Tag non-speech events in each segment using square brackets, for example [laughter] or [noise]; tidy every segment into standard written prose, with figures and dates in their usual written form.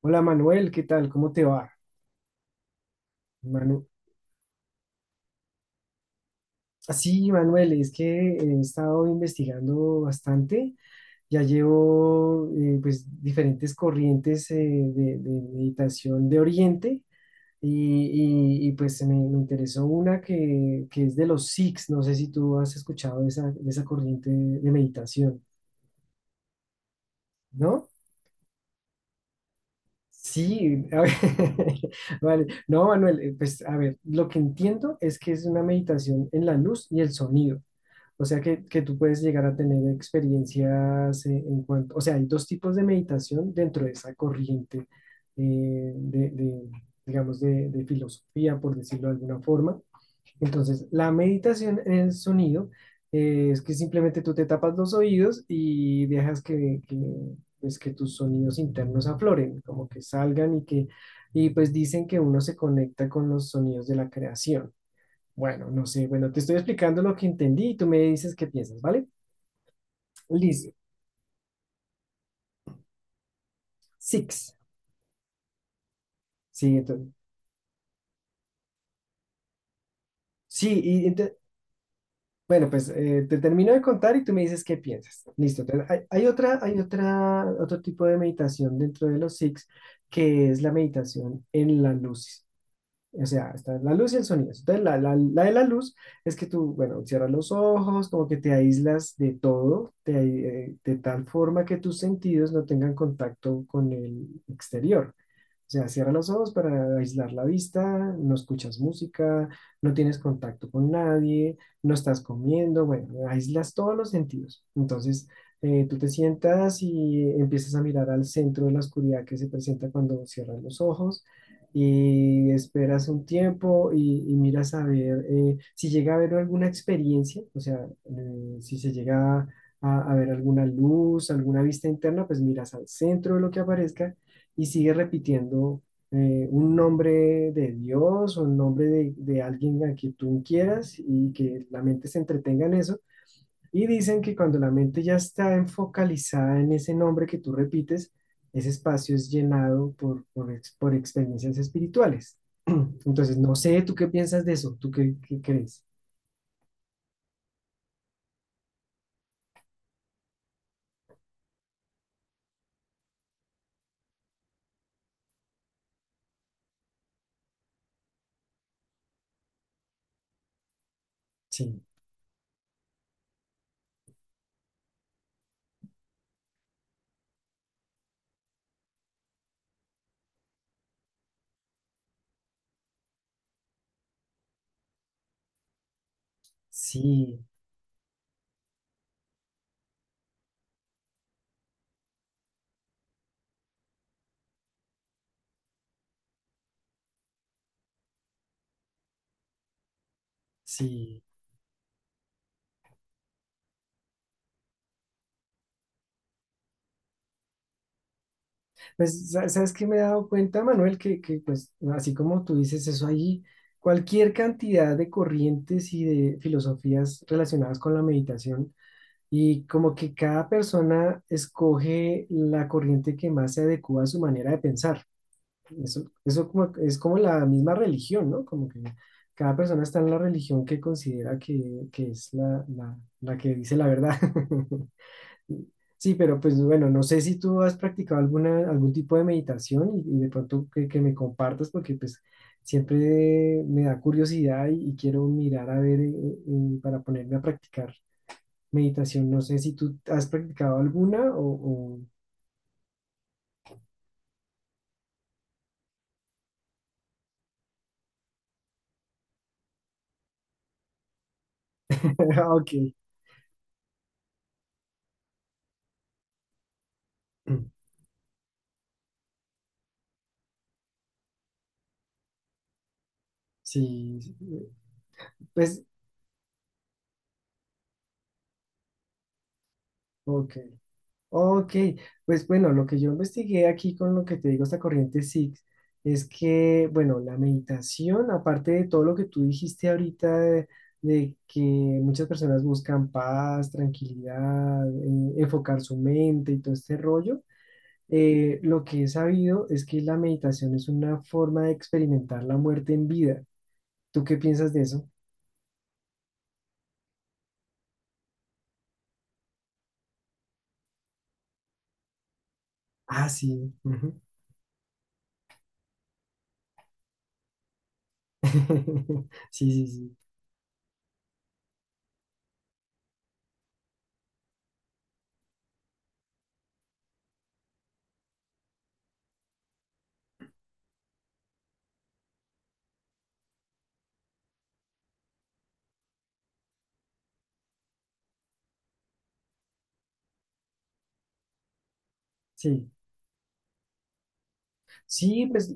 Hola Manuel, ¿qué tal? ¿Cómo te va? Manu... Ah, sí, Manuel, es que he estado investigando bastante. Ya llevo pues diferentes corrientes de meditación de Oriente y, pues me interesó una que es de los Sikhs. No sé si tú has escuchado de esa corriente de meditación, ¿no? Sí, a ver, [laughs] vale. No, Manuel, pues a ver, lo que entiendo es que es una meditación en la luz y el sonido. O sea que tú puedes llegar a tener experiencias en cuanto, o sea, hay dos tipos de meditación dentro de esa corriente eh, de, de, digamos, de filosofía, por decirlo de alguna forma. Entonces, la meditación en el sonido es que simplemente tú te tapas los oídos y dejas pues, que tus sonidos internos afloren, como que salgan y pues dicen que uno se conecta con los sonidos de la creación. Bueno, no sé, bueno, te estoy explicando lo que entendí y tú me dices qué piensas, ¿vale? Listo. Six. Sí, entonces, sí, bueno, pues te termino de contar y tú me dices qué piensas. Listo. Entonces, hay otra, otro tipo de meditación dentro de los six, que es la meditación en la luz. O sea, está la luz y el sonido. Entonces, la de la luz es que tú, bueno, cierras los ojos, como que te aíslas de todo, de tal forma que tus sentidos no tengan contacto con el exterior. O sea, cierra los ojos para aislar la vista, no escuchas música, no tienes contacto con nadie, no estás comiendo, bueno, aíslas todos los sentidos. Entonces, tú te sientas y empiezas a mirar al centro de la oscuridad que se presenta cuando cierras los ojos y esperas un tiempo y miras a ver si llega a haber alguna experiencia, o sea, si se llega a ver alguna luz, alguna vista interna, pues miras al centro de lo que aparezca y sigue repitiendo un nombre de Dios o un nombre de alguien a quien tú quieras y que la mente se entretenga en eso. Y dicen que cuando la mente ya está enfocalizada en ese nombre que tú repites, ese espacio es llenado por experiencias espirituales. [clears throat] Entonces, no sé, ¿tú qué piensas de eso? ¿Tú qué, qué crees? Sí, sí, sí. Pues, ¿sabes qué me he dado cuenta, Manuel? Pues, así como tú dices, eso ahí, cualquier cantidad de corrientes y de filosofías relacionadas con la meditación, y como que cada persona escoge la corriente que más se adecua a su manera de pensar. Eso como, es como la misma religión, ¿no? Como que cada persona está en la religión que considera que es la que dice la verdad. [laughs] Sí, pero pues bueno, no sé si tú has practicado alguna, algún tipo de meditación y de pronto que me compartas porque pues siempre me da curiosidad y quiero mirar a ver para ponerme a practicar meditación. No sé si tú has practicado alguna o... [laughs] Ah, ok, sí, sí, pues ok. Ok, pues bueno, lo que yo investigué aquí con lo que te digo, esta corriente SIX, es que, bueno, la meditación, aparte de todo lo que tú dijiste ahorita, de que muchas personas buscan paz, tranquilidad, enfocar su mente y todo este rollo, lo que he sabido es que la meditación es una forma de experimentar la muerte en vida. ¿Tú qué piensas de eso? Ah, sí. Ujú. [laughs] Sí, sí, sí. Sí, sí, pues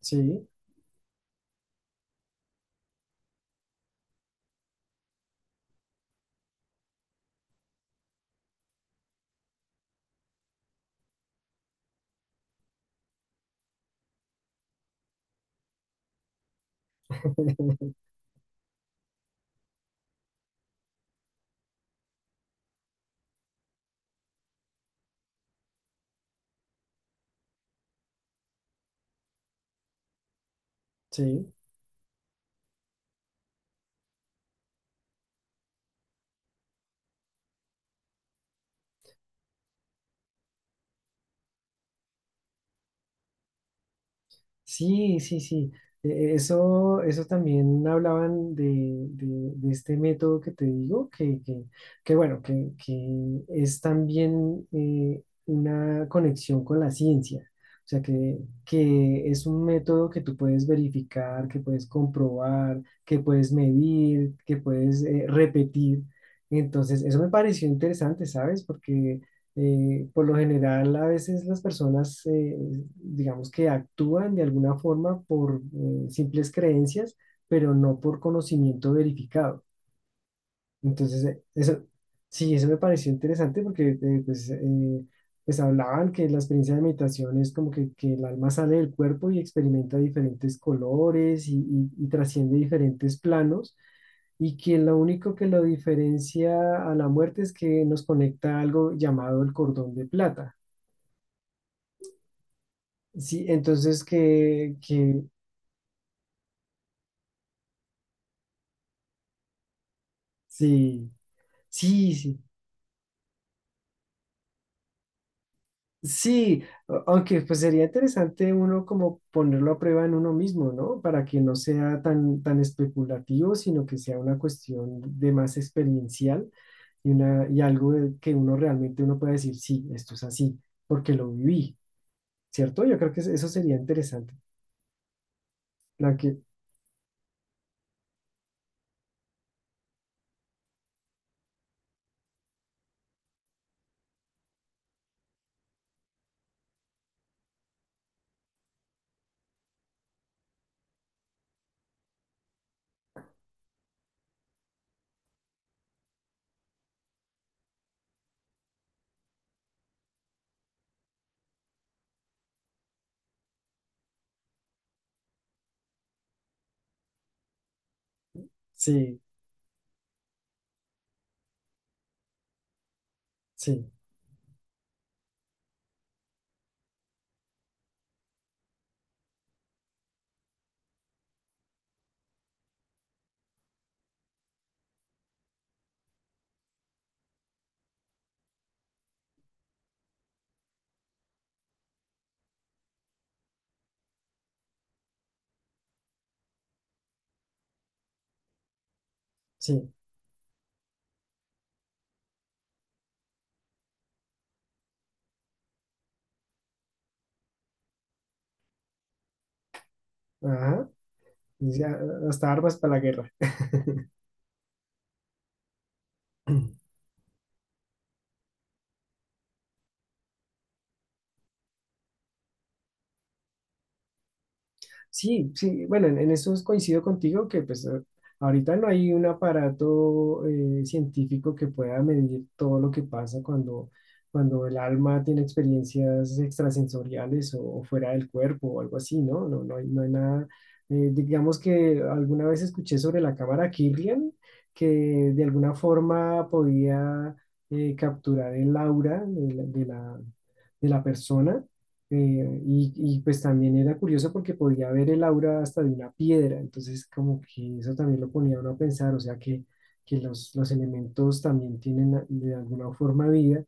sí, [laughs] sí. Sí, sí, sí. Eso, eso también hablaban de, de este método que te digo, que bueno, que es también una conexión con la ciencia. O sea, que es un método que tú puedes verificar, que puedes comprobar, que puedes medir, que puedes repetir. Entonces, eso me pareció interesante, ¿sabes? Porque por lo general, a veces las personas, digamos que actúan de alguna forma por simples creencias, pero no por conocimiento verificado. Entonces, eso, sí, eso me pareció interesante porque pues hablaban que la experiencia de meditación es como que el alma sale del cuerpo y experimenta diferentes colores y trasciende diferentes planos y que lo único que lo diferencia a la muerte es que nos conecta a algo llamado el cordón de plata. Sí, entonces que sí, sí, sí. Sí, aunque pues sería interesante uno como ponerlo a prueba en uno mismo, ¿no? Para que no sea tan, tan especulativo, sino que sea una cuestión de más experiencial y, una, que uno realmente uno pueda decir, sí, esto es así, porque lo viví, ¿cierto? Yo creo que eso sería interesante. La que, sí, sí, sí, ajá, y ya, hasta armas para la guerra. [laughs] Sí, sí, bueno, en eso coincido contigo que pues ahorita no hay un aparato científico que pueda medir todo lo que pasa cuando, cuando el alma tiene experiencias extrasensoriales o fuera del cuerpo o algo así, ¿no? No, no hay, no hay nada. Digamos que alguna vez escuché sobre la cámara Kirlian que de alguna forma podía capturar el aura de la, de la persona eh, y, pues también era curioso porque podía ver el aura hasta de una piedra, entonces como que eso también lo ponía a uno a pensar, o sea que los elementos también tienen de alguna forma vida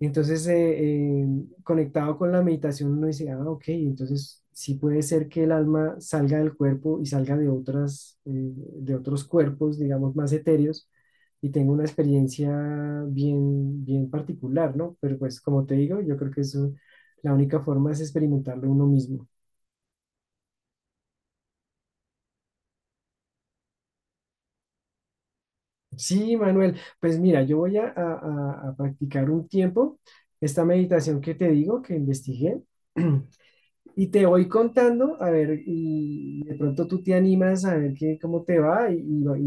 entonces, eh, conectado con la meditación, uno dice, ah, ok, entonces sí puede ser que el alma salga del cuerpo y salga de otras, de otros cuerpos, digamos, más etéreos, y tenga una experiencia bien, bien particular, ¿no? Pero pues, como te digo, yo creo que eso, la única forma es experimentarlo uno mismo. Sí, Manuel, pues mira, yo voy a practicar un tiempo esta meditación que te digo, que investigué. [clears throat] Y te voy contando, a ver, y de pronto tú te animas a ver qué, cómo te va y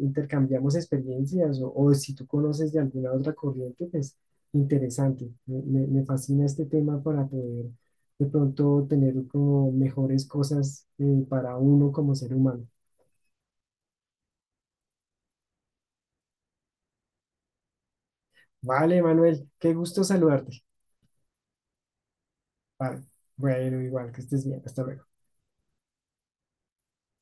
intercambiamos experiencias o si tú conoces de alguna otra corriente, pues interesante. Me fascina este tema para poder de pronto tener como mejores cosas para uno como ser humano. Vale, Manuel, qué gusto saludarte. Vale, bueno, igual, que estés bien. Hasta luego.